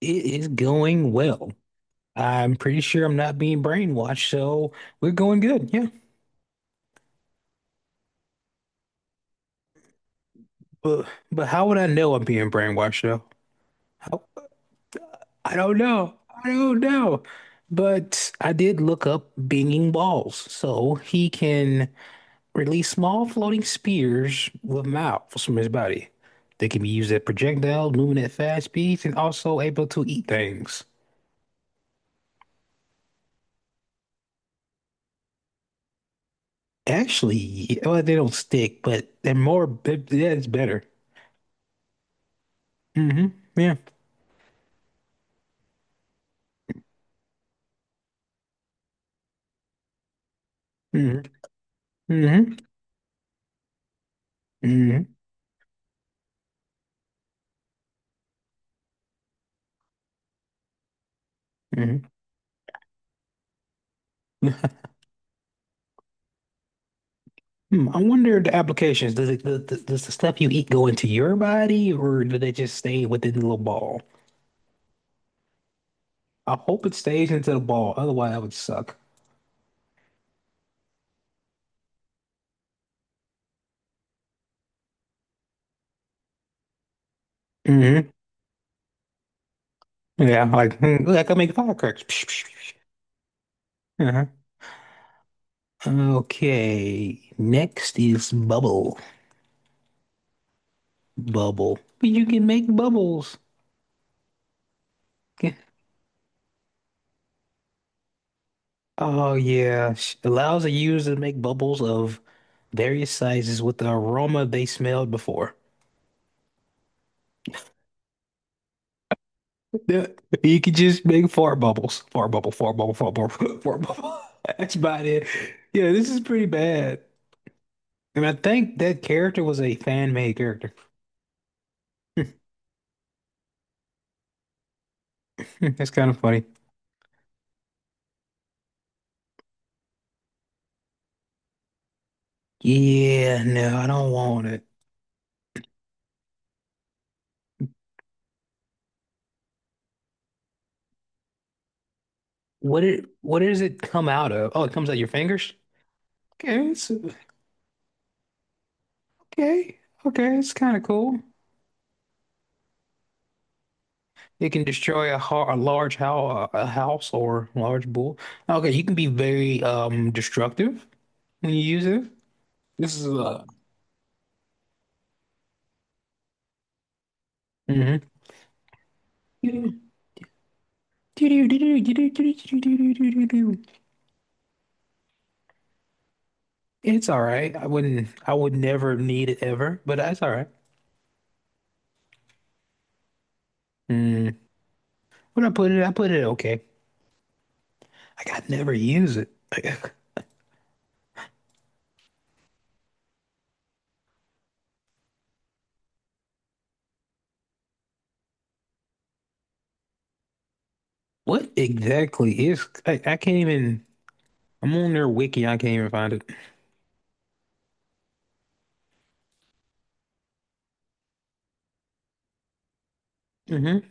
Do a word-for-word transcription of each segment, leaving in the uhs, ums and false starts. It is going well. I'm pretty sure I'm not being brainwashed, so we're going good. Yeah. But but how would I know I'm being brainwashed though? How, I don't know. I don't know. But I did look up Binging Balls. So he can release small floating spears with mouths from his body. They can be used as projectiles, moving at fast speeds, and also able to eat things. Actually, well, they don't stick, but they're more, that's better. Hmm Yeah. Mm-hmm. Mm-hmm. Mm-hmm. Mm-hmm. Hmm, I wonder the applications. Does it, does, does the stuff you eat go into your body, or do they just stay within the little ball? I hope it stays into the ball. Otherwise, that would suck. Hmm Yeah, like hmm, like I make firecrackers. Psh, psh, psh, psh. Uh-huh. Okay. Next is bubble. Bubble. But you can make bubbles. Ca- Oh yeah, Sh- allows a user to make bubbles of various sizes with the aroma they smelled before. Yeah, you could just make fart bubbles, fart bubble, fart bubble, fart bubble, fart bubble. That's about it. Yeah, this is pretty bad. And I think that character was a fan-made character. That's kind of funny. Yeah, no, I don't want it. What it? What does it come out of? Oh, it comes out your fingers? Okay, it's, okay, okay, it's kind of cool. It can destroy a, har a large how a house or large bull. Okay, you can be very um destructive when you use it. This is uh, mhm. It's all right. I wouldn't. I would never need it ever, but that's all right. Mm. When I put it, I put it okay. Like I never use it. Like, what exactly is? I, I can't even. I'm on their wiki. I can't even find it. Hmm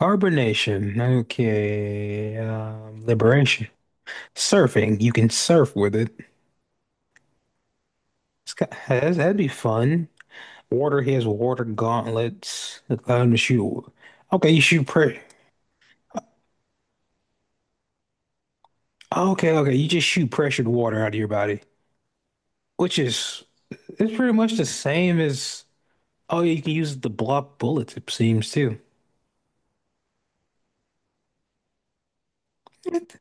Carbonation. Okay. Um, liberation. Surfing. You can surf with it. It's got, that's- that'd be fun. Water has water gauntlets. Allow them to shoot. Okay, you shoot. Pressure. Oh, okay, okay. You just shoot pressured water out of your body, which is it's pretty much the same as oh, you can use it to block bullets, it seems too. It-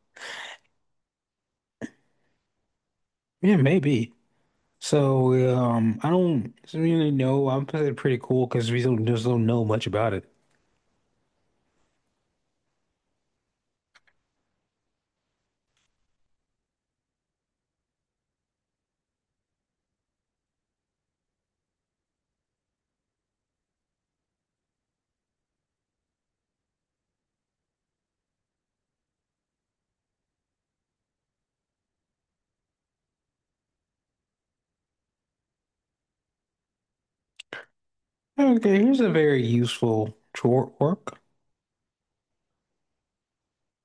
Yeah, maybe. So um, I don't really know. I'm pretty pretty cool because we don't just don't know much about it. Okay, here's a very useful tro- work.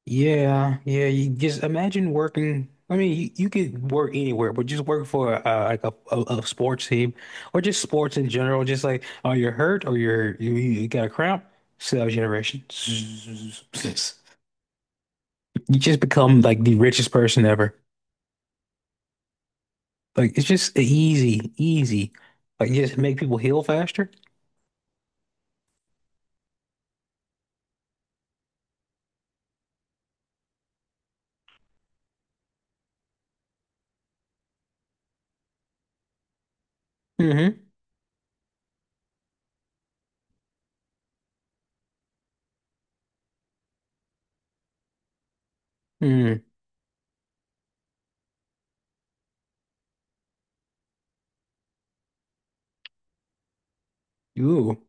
Yeah, yeah. You just imagine working. I mean, you, you could work anywhere, but just work for uh, like a, a, a sports team or just sports in general. Just like, oh, you're hurt or you're you, you got a cramp. Cell generation. You just become like the richest person ever. Like it's just easy, easy. Like just make people heal faster. Mm-hmm. Mm. Ooh.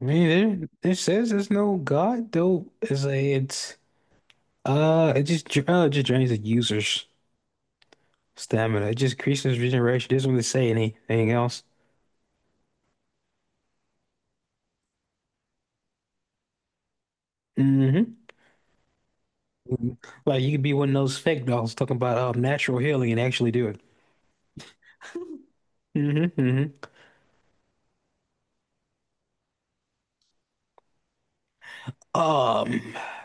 I mean, there, it says there's no God though. It's like it's uh, it just dra- uh, it just drains the users. Stamina. It just increases regeneration. It doesn't really say anything else. Hmm Like you could be one of those fake dolls talking about um, natural healing and actually do it. Hmm hmm Um,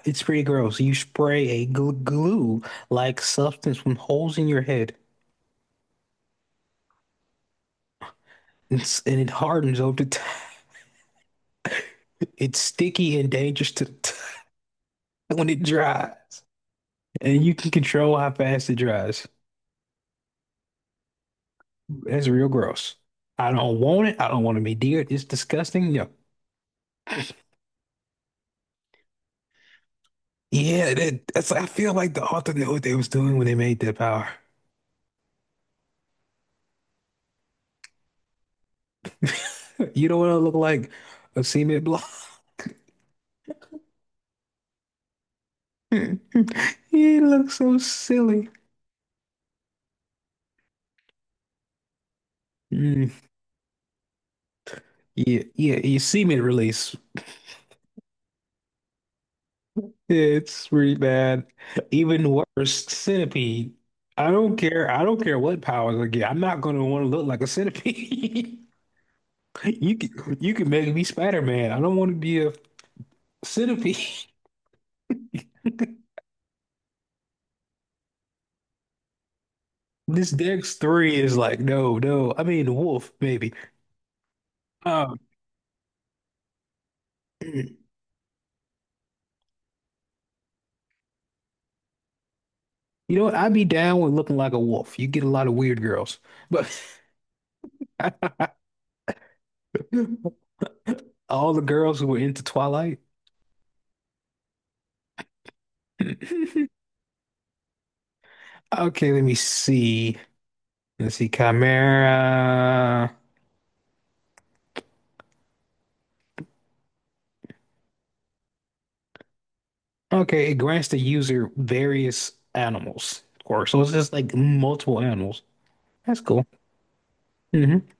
it's pretty gross. You spray a gl glue-like substance from holes in your head, it's, and it hardens over time. It's sticky and dangerous to the touch when it dries, and you can control how fast it dries. That's real gross. I don't want it. I don't want to be near it. It's disgusting. No. Yeah, that, that's I feel like the author knew what they was doing when they made that power. You don't want to look like a cement block. You look so silly. Mm, yeah, yeah, you cement release. Yeah, it's really bad. Even worse, centipede. I don't care. I don't care what powers I get. I'm not gonna want to look like a centipede. You can you can make me Spider-Man. I don't want to be a centipede. This Dex three is like, no, no. I mean, wolf, maybe. Um, You know what? I'd be down with looking like a wolf. You get a lot of weird girls, but all the girls who were into Twilight. Okay, let me see. Let's see, Chimera. Okay, it grants the user various animals, of course. So it's just like multiple animals. That's cool. Mm-hmm.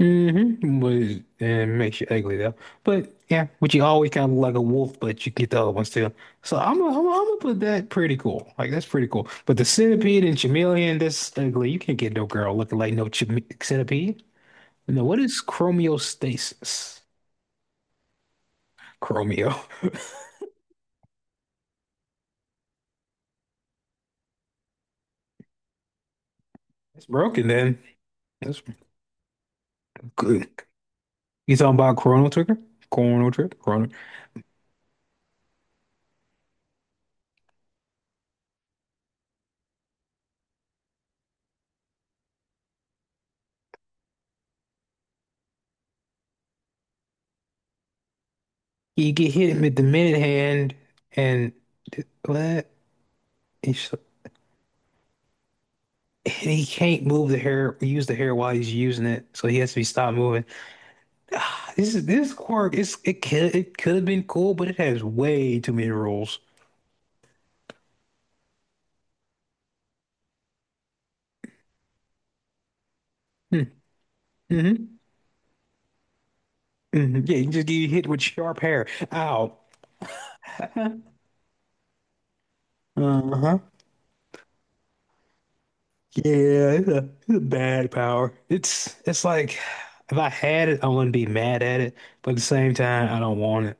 Mm-hmm. Was and makes you ugly though. But yeah, but you always kind of look like a wolf, but you get the other one still. So I'm gonna I'm gonna I'm gonna put that pretty cool. Like that's pretty cool. But the centipede and chameleon, that's ugly. You can't get no girl looking like no chame centipede. No, what is chromostasis? Chromio. It's broken then. That's good. You talking about Chrono Trigger? Chrono Trigger? Chrono. You get hit with the minute hand and what? And he can't move the hair, use the hair while he's using it, so he has to be stopped moving. Ah, this is this quirk. It's it could it could have been cool, but it has way too many rules. Hmm. Mm-hmm. hmm Yeah, you just get hit with sharp hair. Ow. Uh-huh. Uh-huh. Yeah, it's a, it's a bad power. It's it's like if I had it, I wouldn't be mad at it, but at the same time, I don't want it.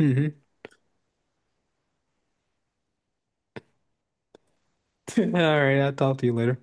Mm-hmm. All right, I'll talk to you later.